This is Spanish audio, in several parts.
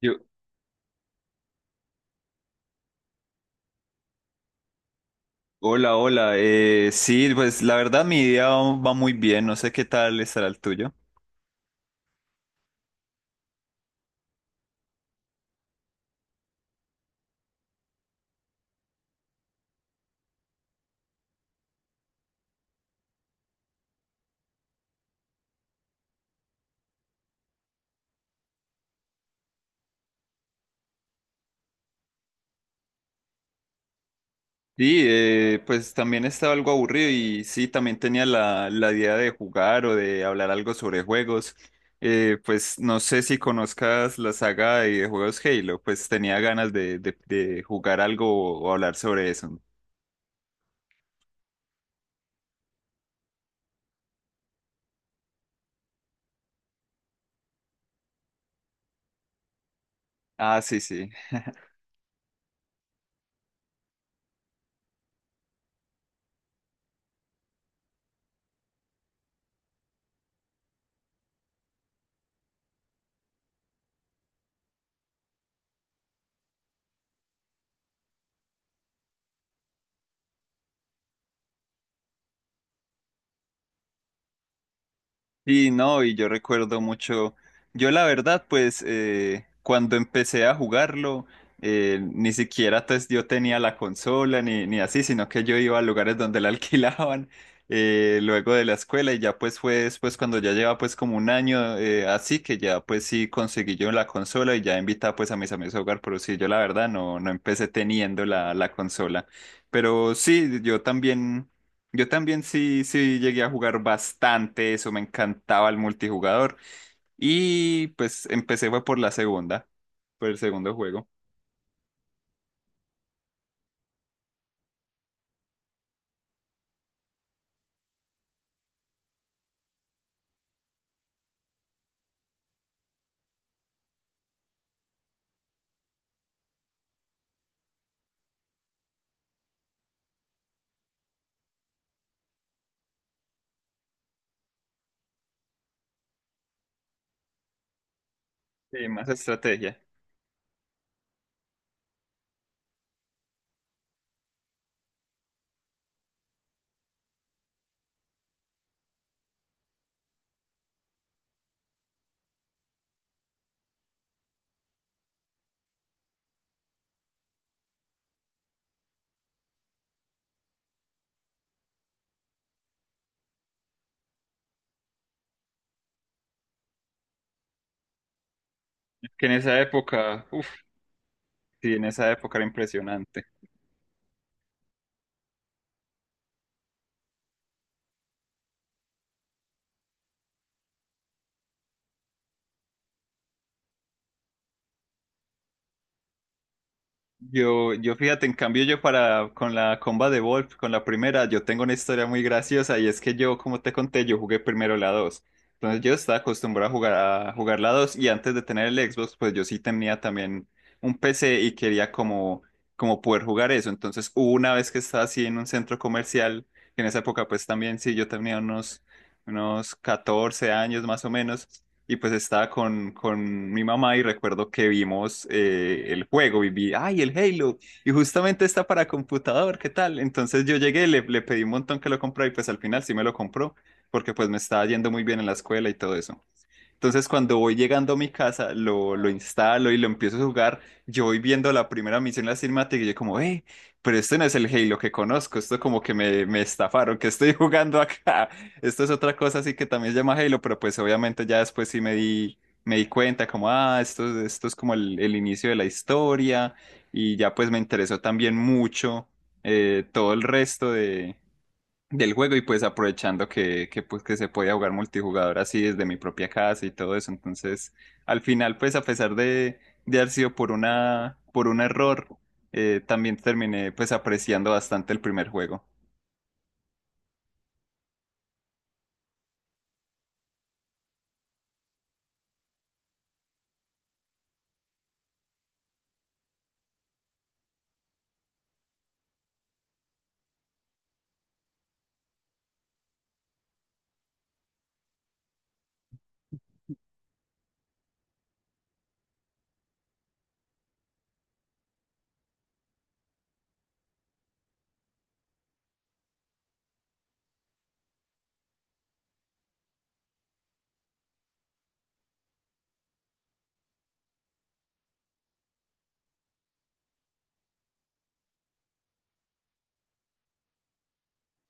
Yo, hola, hola. Sí, pues la verdad mi día va muy bien. No sé qué tal estará el tuyo. Sí, pues también estaba algo aburrido y sí, también tenía la idea de jugar o de hablar algo sobre juegos. Pues no sé si conozcas la saga de juegos Halo, pues tenía ganas de, de jugar algo o hablar sobre eso. Ah, sí, sí. Sí, no, y yo recuerdo mucho, yo la verdad, pues cuando empecé a jugarlo, ni siquiera pues, yo tenía la consola ni, ni así, sino que yo iba a lugares donde la alquilaban luego de la escuela y ya pues fue después cuando ya lleva pues como un año así que ya pues sí conseguí yo la consola y ya invitaba pues a mis amigos a jugar, pero sí, yo la verdad no, no empecé teniendo la consola, pero sí, yo también... Yo también sí, sí llegué a jugar bastante eso, me encantaba el multijugador y pues empecé fue por la segunda, por el segundo juego. Sí, más estrategia. Que en esa época, uff, sí, en esa época era impresionante. Yo fíjate, en cambio yo para con la comba de Wolf, con la primera, yo tengo una historia muy graciosa y es que yo, como te conté, yo jugué primero la 2. Entonces yo estaba acostumbrado a jugar la 2 y antes de tener el Xbox, pues yo sí tenía también un PC y quería como, como poder jugar eso. Entonces hubo una vez que estaba así en un centro comercial, que en esa época pues también sí, yo tenía unos, unos 14 años más o menos y pues estaba con mi mamá y recuerdo que vimos el juego y vi, ay, el Halo, y justamente está para computador, ¿qué tal? Entonces yo llegué, le pedí un montón que lo comprara y pues al final sí me lo compró, porque pues me estaba yendo muy bien en la escuela y todo eso. Entonces, cuando voy llegando a mi casa, lo instalo y lo empiezo a jugar. Yo voy viendo la primera misión, la cinemática, y yo como, pero este no es el Halo que conozco, esto como que me estafaron, que estoy jugando acá. Esto es otra cosa así que también se llama Halo, pero pues obviamente ya después sí me di cuenta como, ah, esto es como el inicio de la historia, y ya pues me interesó también mucho todo el resto del juego y pues aprovechando que, pues, que se podía jugar multijugador así desde mi propia casa y todo eso. Entonces, al final, pues a pesar de haber sido por una, por un error, también terminé pues apreciando bastante el primer juego.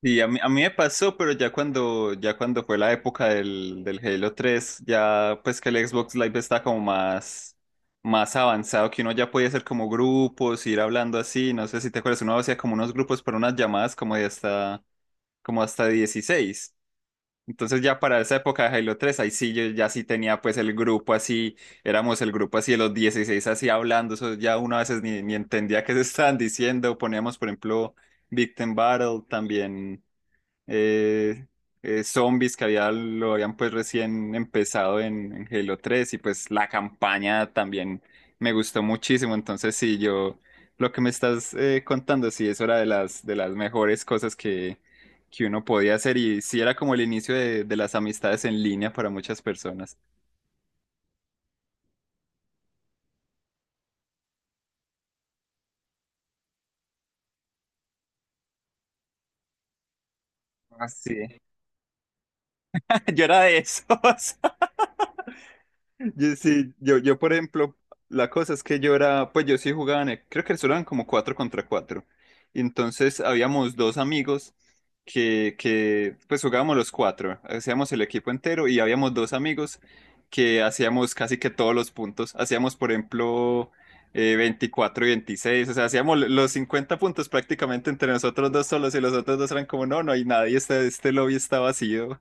Y a mí me pasó, pero ya cuando fue la época del, del Halo tres ya pues que el Xbox Live está como más, más avanzado, que uno ya podía hacer como grupos, ir hablando así, no sé si te acuerdas, uno hacía como unos grupos para unas llamadas como de hasta como hasta 16. Entonces ya para esa época de Halo tres ahí sí yo ya sí tenía pues el grupo así, éramos el grupo así de los 16 así hablando, eso ya uno a veces ni, ni entendía qué se estaban diciendo, poníamos por ejemplo Victim Battle, también eh, zombies que había, lo habían pues recién empezado en Halo tres y pues la campaña también me gustó muchísimo. Entonces sí, yo lo que me estás contando, sí, eso era de las mejores cosas que uno podía hacer y sí era como el inicio de las amistades en línea para muchas personas. Ah, sí. Yo era de esos. Yo, por ejemplo, la cosa es que yo era, pues yo sí jugaba en, el- creo que solo eran como cuatro contra cuatro. Y entonces habíamos dos amigos que, pues jugábamos los cuatro, hacíamos el equipo entero y habíamos dos amigos que hacíamos casi que todos los puntos. Hacíamos, por ejemplo, 24 y 26, o sea, hacíamos lo- los 50 puntos prácticamente entre nosotros dos solos y los otros dos eran como, no, no hay nadie, este lobby está vacío.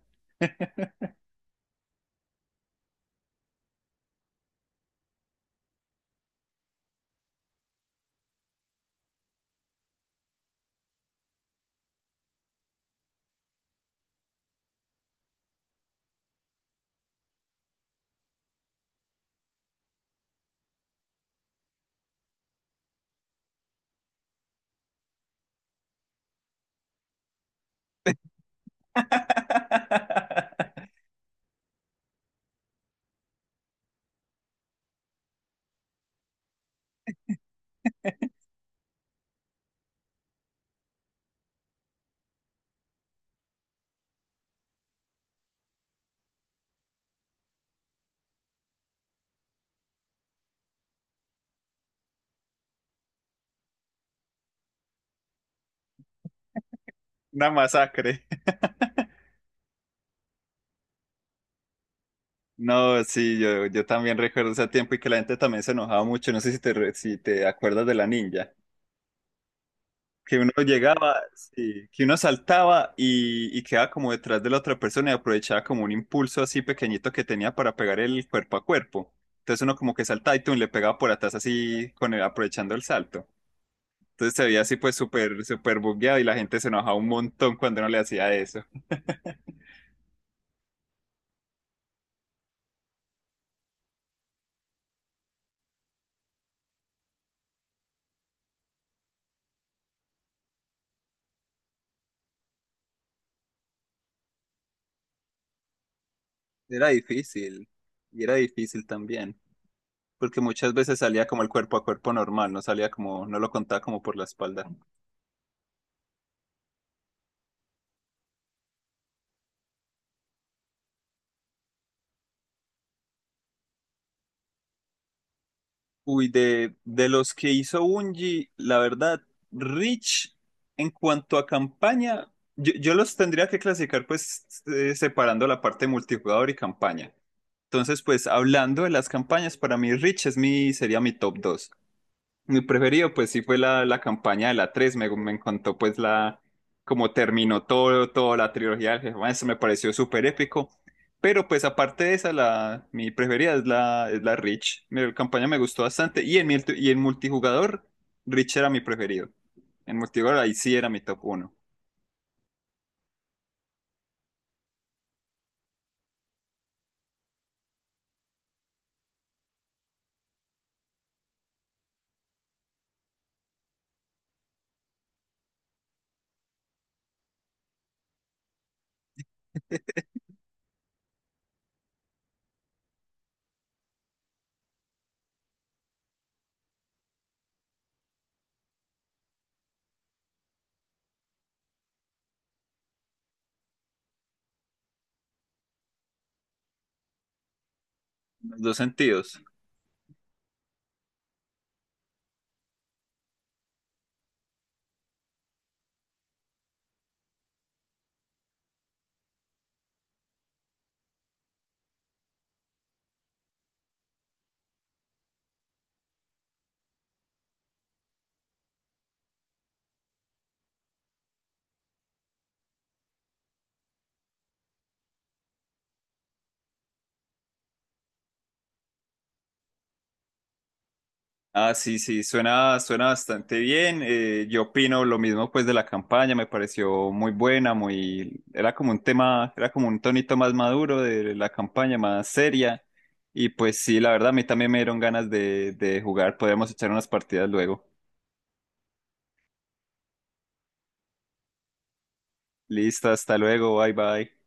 Una masacre. No, sí, yo también recuerdo ese tiempo y que la gente también se enojaba mucho. No sé si te, re- si te acuerdas de la ninja. Que uno llegaba, sí, que uno saltaba y quedaba como detrás de la otra persona y aprovechaba como un impulso así pequeñito que tenía para pegar el cuerpo a cuerpo. Entonces uno como que saltaba y tú le pegaba por atrás así con el, aprovechando el salto. Entonces se veía así pues súper, súper bugueado y la gente se enojaba un montón cuando uno le hacía eso. Era difícil. Y era difícil también, porque muchas veces salía como el cuerpo a cuerpo normal, no salía como, no lo contaba como por la espalda. Uy, de los que hizo Bungie, la verdad, Rich, en cuanto a campaña, yo los tendría que clasificar pues separando la parte multijugador y campaña. Entonces, pues hablando de las campañas, para mí Rich es mi, sería mi top dos. Mi preferido, pues sí fue la, la campaña de la 3 me, me encantó pues la, como terminó todo, toda la trilogía del Jefe, eso me pareció súper épico, pero pues aparte de esa, la, mi preferida es la Rich, mi campaña me gustó bastante, y en, mi- y en multijugador, Rich era mi preferido, en multijugador ahí sí era mi top uno en los dos sentidos. Ah, sí, sí, suena, suena bastante bien. Yo opino lo mismo pues de la campaña, me pareció muy buena, muy, era como un tema, era como un tonito más maduro de la campaña, más seria. Y pues sí, la verdad, a mí también me dieron ganas de jugar. Podemos echar unas partidas luego. Listo, hasta luego, bye bye.